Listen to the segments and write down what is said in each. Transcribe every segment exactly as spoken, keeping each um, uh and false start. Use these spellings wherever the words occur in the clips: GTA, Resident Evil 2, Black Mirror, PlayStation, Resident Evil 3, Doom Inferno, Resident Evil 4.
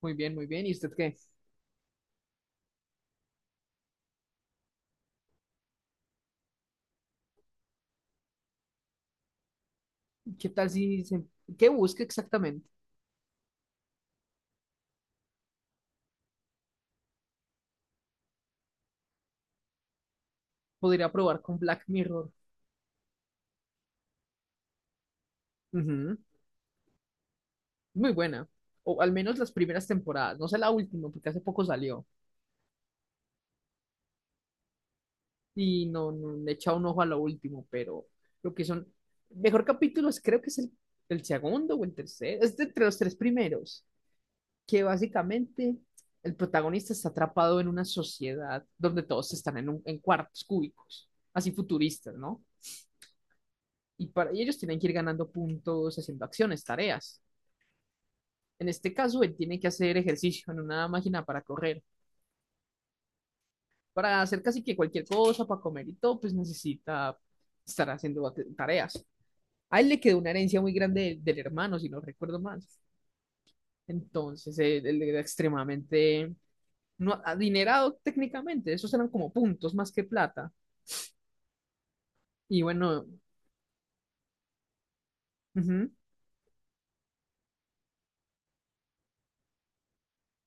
Muy bien, muy bien. ¿Y usted qué? ¿Qué tal si se... ¿Qué busca exactamente? Podría probar con Black Mirror. Ujú. Muy buena. O al menos las primeras temporadas. No sé la última, porque hace poco salió. Y no, no le he echado un ojo a lo último, pero lo que son. Mejor capítulo es, creo que es el, el segundo o el tercero. Es de entre los tres primeros. Que básicamente el protagonista está atrapado en una sociedad donde todos están en, un- en cuartos cúbicos. Así futuristas, ¿no? y, para, y ellos tienen que ir ganando puntos haciendo acciones, tareas. En este caso, él tiene que hacer ejercicio en una máquina para correr, para hacer casi que cualquier cosa, para comer y todo, pues necesita estar haciendo tareas. A él le quedó una herencia muy grande del hermano, si no recuerdo mal. Entonces, él, él era extremadamente no, adinerado técnicamente, esos eran como puntos más que plata. Y bueno, ujú.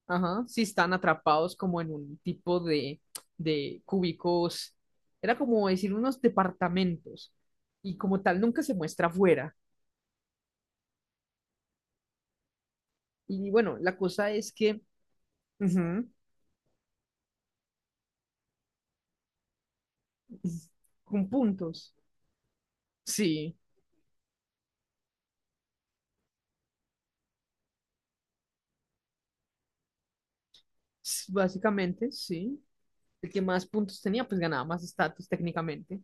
Ajá, sí, están atrapados como en un tipo de, de, cúbicos, era como decir unos departamentos, y como tal nunca se muestra afuera. Y bueno, la cosa es que ujú, con puntos, sí, s- básicamente, sí. El que más puntos tenía, pues ganaba más estatus técnicamente.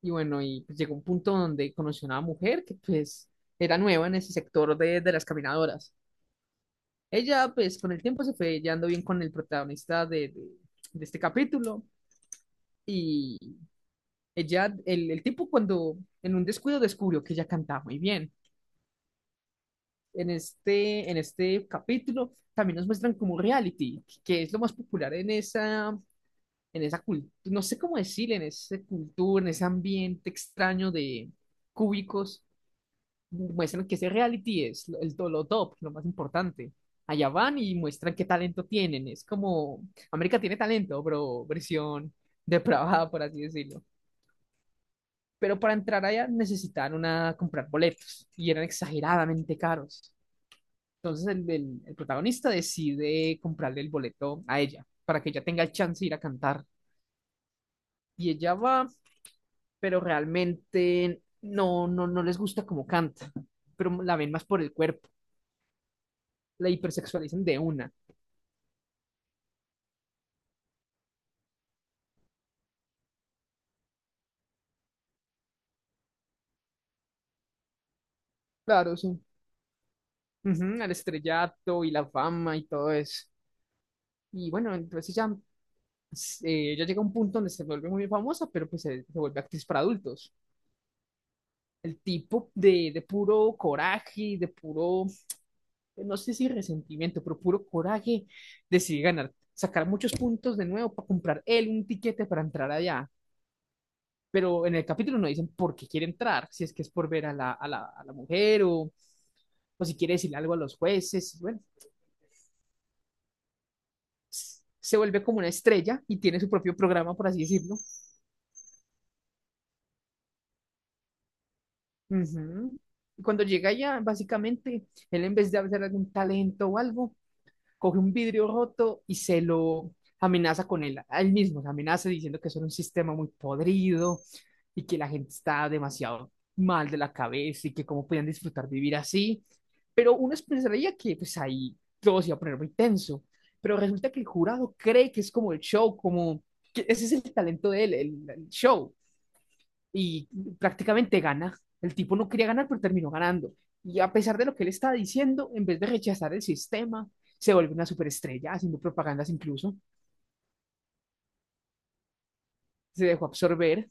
Y bueno, y pues llegó un punto donde conoció a una mujer que pues era nueva en ese sector de, de, las caminadoras. Ella, pues, con el tiempo se fue llevando bien con el protagonista de, de- de este capítulo. Y ella, el, el tipo cuando en un descuido descubrió que ella cantaba muy bien. En este, en este capítulo también nos muestran como reality, que es lo más popular en esa, en esa cultura, no sé cómo decir, en esa cultura, en ese ambiente extraño de cúbicos, muestran que ese reality es el, to- lo top, lo más importante. Allá van y muestran qué talento tienen. Es como América tiene talento, pero versión depravada, por así decirlo. Pero para entrar allá necesitaron una comprar boletos y eran exageradamente caros. Entonces el, el- el protagonista decide comprarle el boleto a ella para que ella tenga el chance de ir a cantar. Y ella va, pero realmente no, no, no les gusta cómo canta, pero la ven más por el cuerpo. La hipersexualizan de una. Claro, sí. Ujú, al estrellato y la fama y todo eso. Y bueno, entonces ya, eh, ya llega un punto donde se vuelve muy famosa, pero pues se, se vuelve actriz para adultos. El tipo de, de puro coraje, de puro, eh, no sé si resentimiento, pero puro coraje, decide ganar, sacar muchos puntos de nuevo para comprar él un tiquete para entrar allá. Pero en el capítulo no dicen por qué quiere entrar, si es que es por ver a la, a la, a la mujer, o, o si quiere decirle algo a los jueces. Y bueno, se vuelve como una estrella y tiene su propio programa, por así decirlo. Ujú. Y cuando llega allá, básicamente, él, en vez de hacer algún talento o algo, coge un vidrio roto y se lo amenaza con él, a él mismo, se amenaza diciendo que eso era un sistema muy podrido y que la gente está demasiado mal de la cabeza y que cómo podían disfrutar vivir así. Pero uno pensaría que pues ahí todo se iba a poner muy tenso, pero resulta que el jurado cree que es como el show, como que ese es el talento de él, el, el show, y prácticamente gana. El tipo no quería ganar, pero terminó ganando. Y a pesar de lo que él estaba diciendo, en vez de rechazar el sistema, se vuelve una superestrella, haciendo propagandas incluso, se dejó absorber.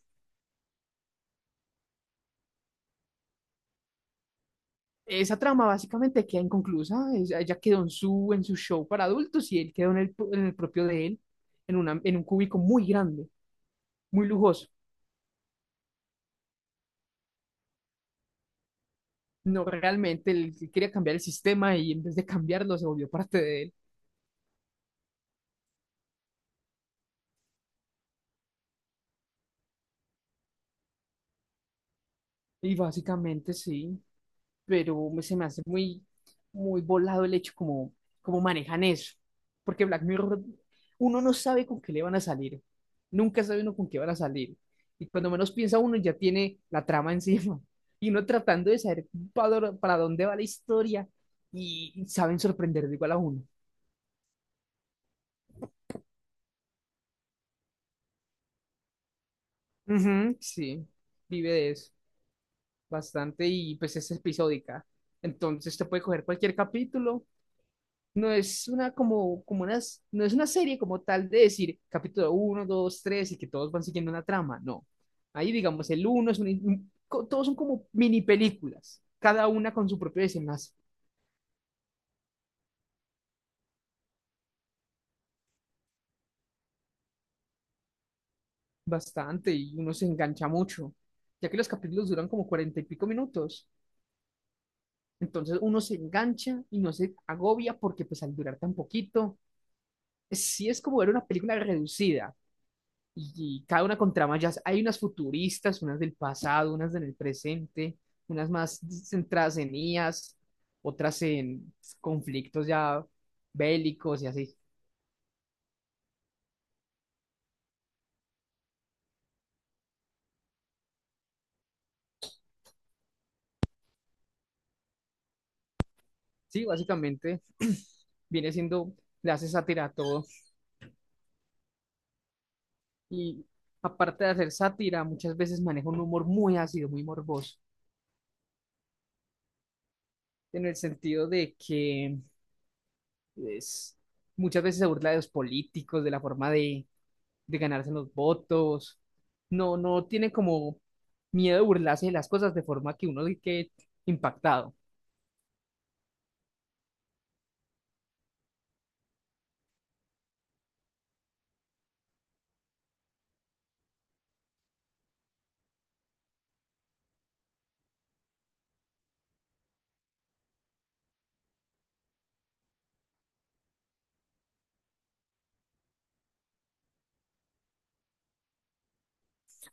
Esa trama básicamente queda inconclusa, es- ella quedó en su, en su show para adultos, y él quedó en el, en el propio de él, en, una, en un cúbico muy grande, muy lujoso. No, realmente él quería cambiar el sistema y en vez de cambiarlo se volvió parte de él. Y básicamente sí, pero me- se me hace muy, muy volado el hecho como, como manejan eso. Porque Black Mirror, uno no sabe con qué le van a salir. Nunca sabe uno con qué van a salir. Y cuando menos piensa uno ya tiene la trama encima. Y uno tratando de saber pa dor- para, dónde va la historia, y saben sorprender de igual a uno. Ujú, sí, vive de eso. Bastante, y pues es episódica. Entonces te puede coger cualquier capítulo. No es una como, como unas, no es una serie como tal de decir capítulo uno, dos, tres, y que todos van siguiendo una trama, no. Ahí digamos el uno es un, co- todos son como mini películas, cada una con su propio desenlace, bastante, y uno se engancha mucho, ya que los capítulos duran como cuarenta y pico minutos. Entonces uno se engancha y no se agobia, porque pues al durar tan poquito, sí es como ver una película reducida, y cada una con tramas. Ya hay unas futuristas, unas del pasado, unas en el presente, unas más centradas en I As, otras en conflictos ya bélicos y así. Sí, básicamente viene siendo, le hace sátira a todo, y aparte de hacer sátira, muchas veces maneja un humor muy ácido, muy morboso, en el sentido de que es, muchas veces se burla de los políticos, de la forma de de ganarse los votos. No, no tiene como miedo de burlarse de las cosas de forma que uno quede impactado.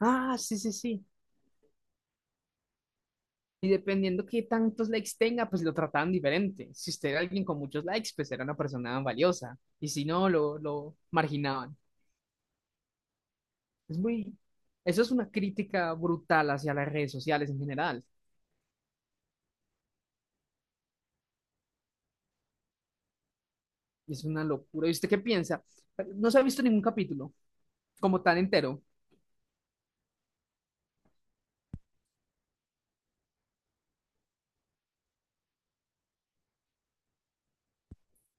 Ah, sí, sí, sí. Y dependiendo qué tantos likes tenga, pues lo trataban diferente. Si usted era alguien con muchos likes, pues era una persona valiosa. Y si no, lo, lo marginaban. Es muy... Eso es una crítica brutal hacia las redes sociales en general. Y es una locura. ¿Y usted qué piensa? No se ha visto ningún capítulo como tan entero.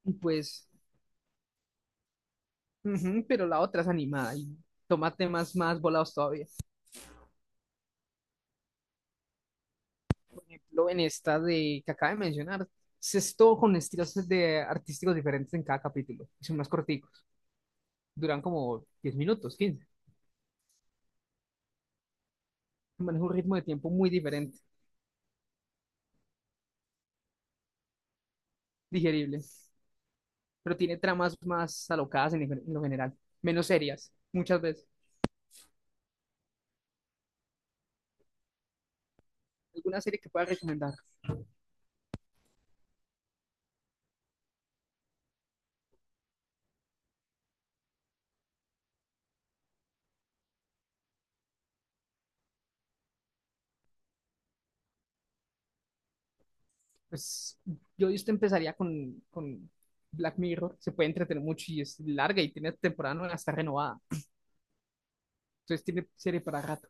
Y pues ujú, pero la otra es animada y toma temas más volados todavía. Por ejemplo, en esta de que acaba de mencionar, se es todo con estilos de artísticos diferentes en cada capítulo. Y son más corticos, duran como diez minutos, quince. Maneja un ritmo de tiempo muy diferente, digerible, pero tiene tramas más alocadas en, en lo general, menos serias, muchas veces. ¿Alguna serie que pueda recomendar? Pues yo de usted empezaría con, con Black Mirror, se puede entretener mucho y es larga y tiene temporada nueva, está renovada. Entonces tiene serie para rato.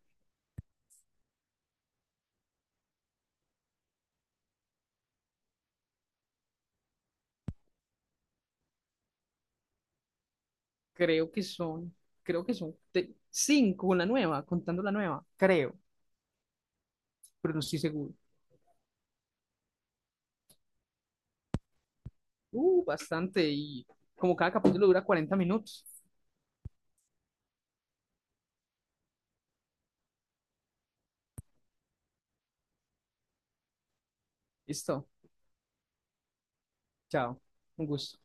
Creo que son, creo que son te- cinco, una nueva, contando la nueva, creo, pero no estoy seguro. Uh, bastante, y como cada capítulo dura cuarenta minutos. Listo, chao, un gusto.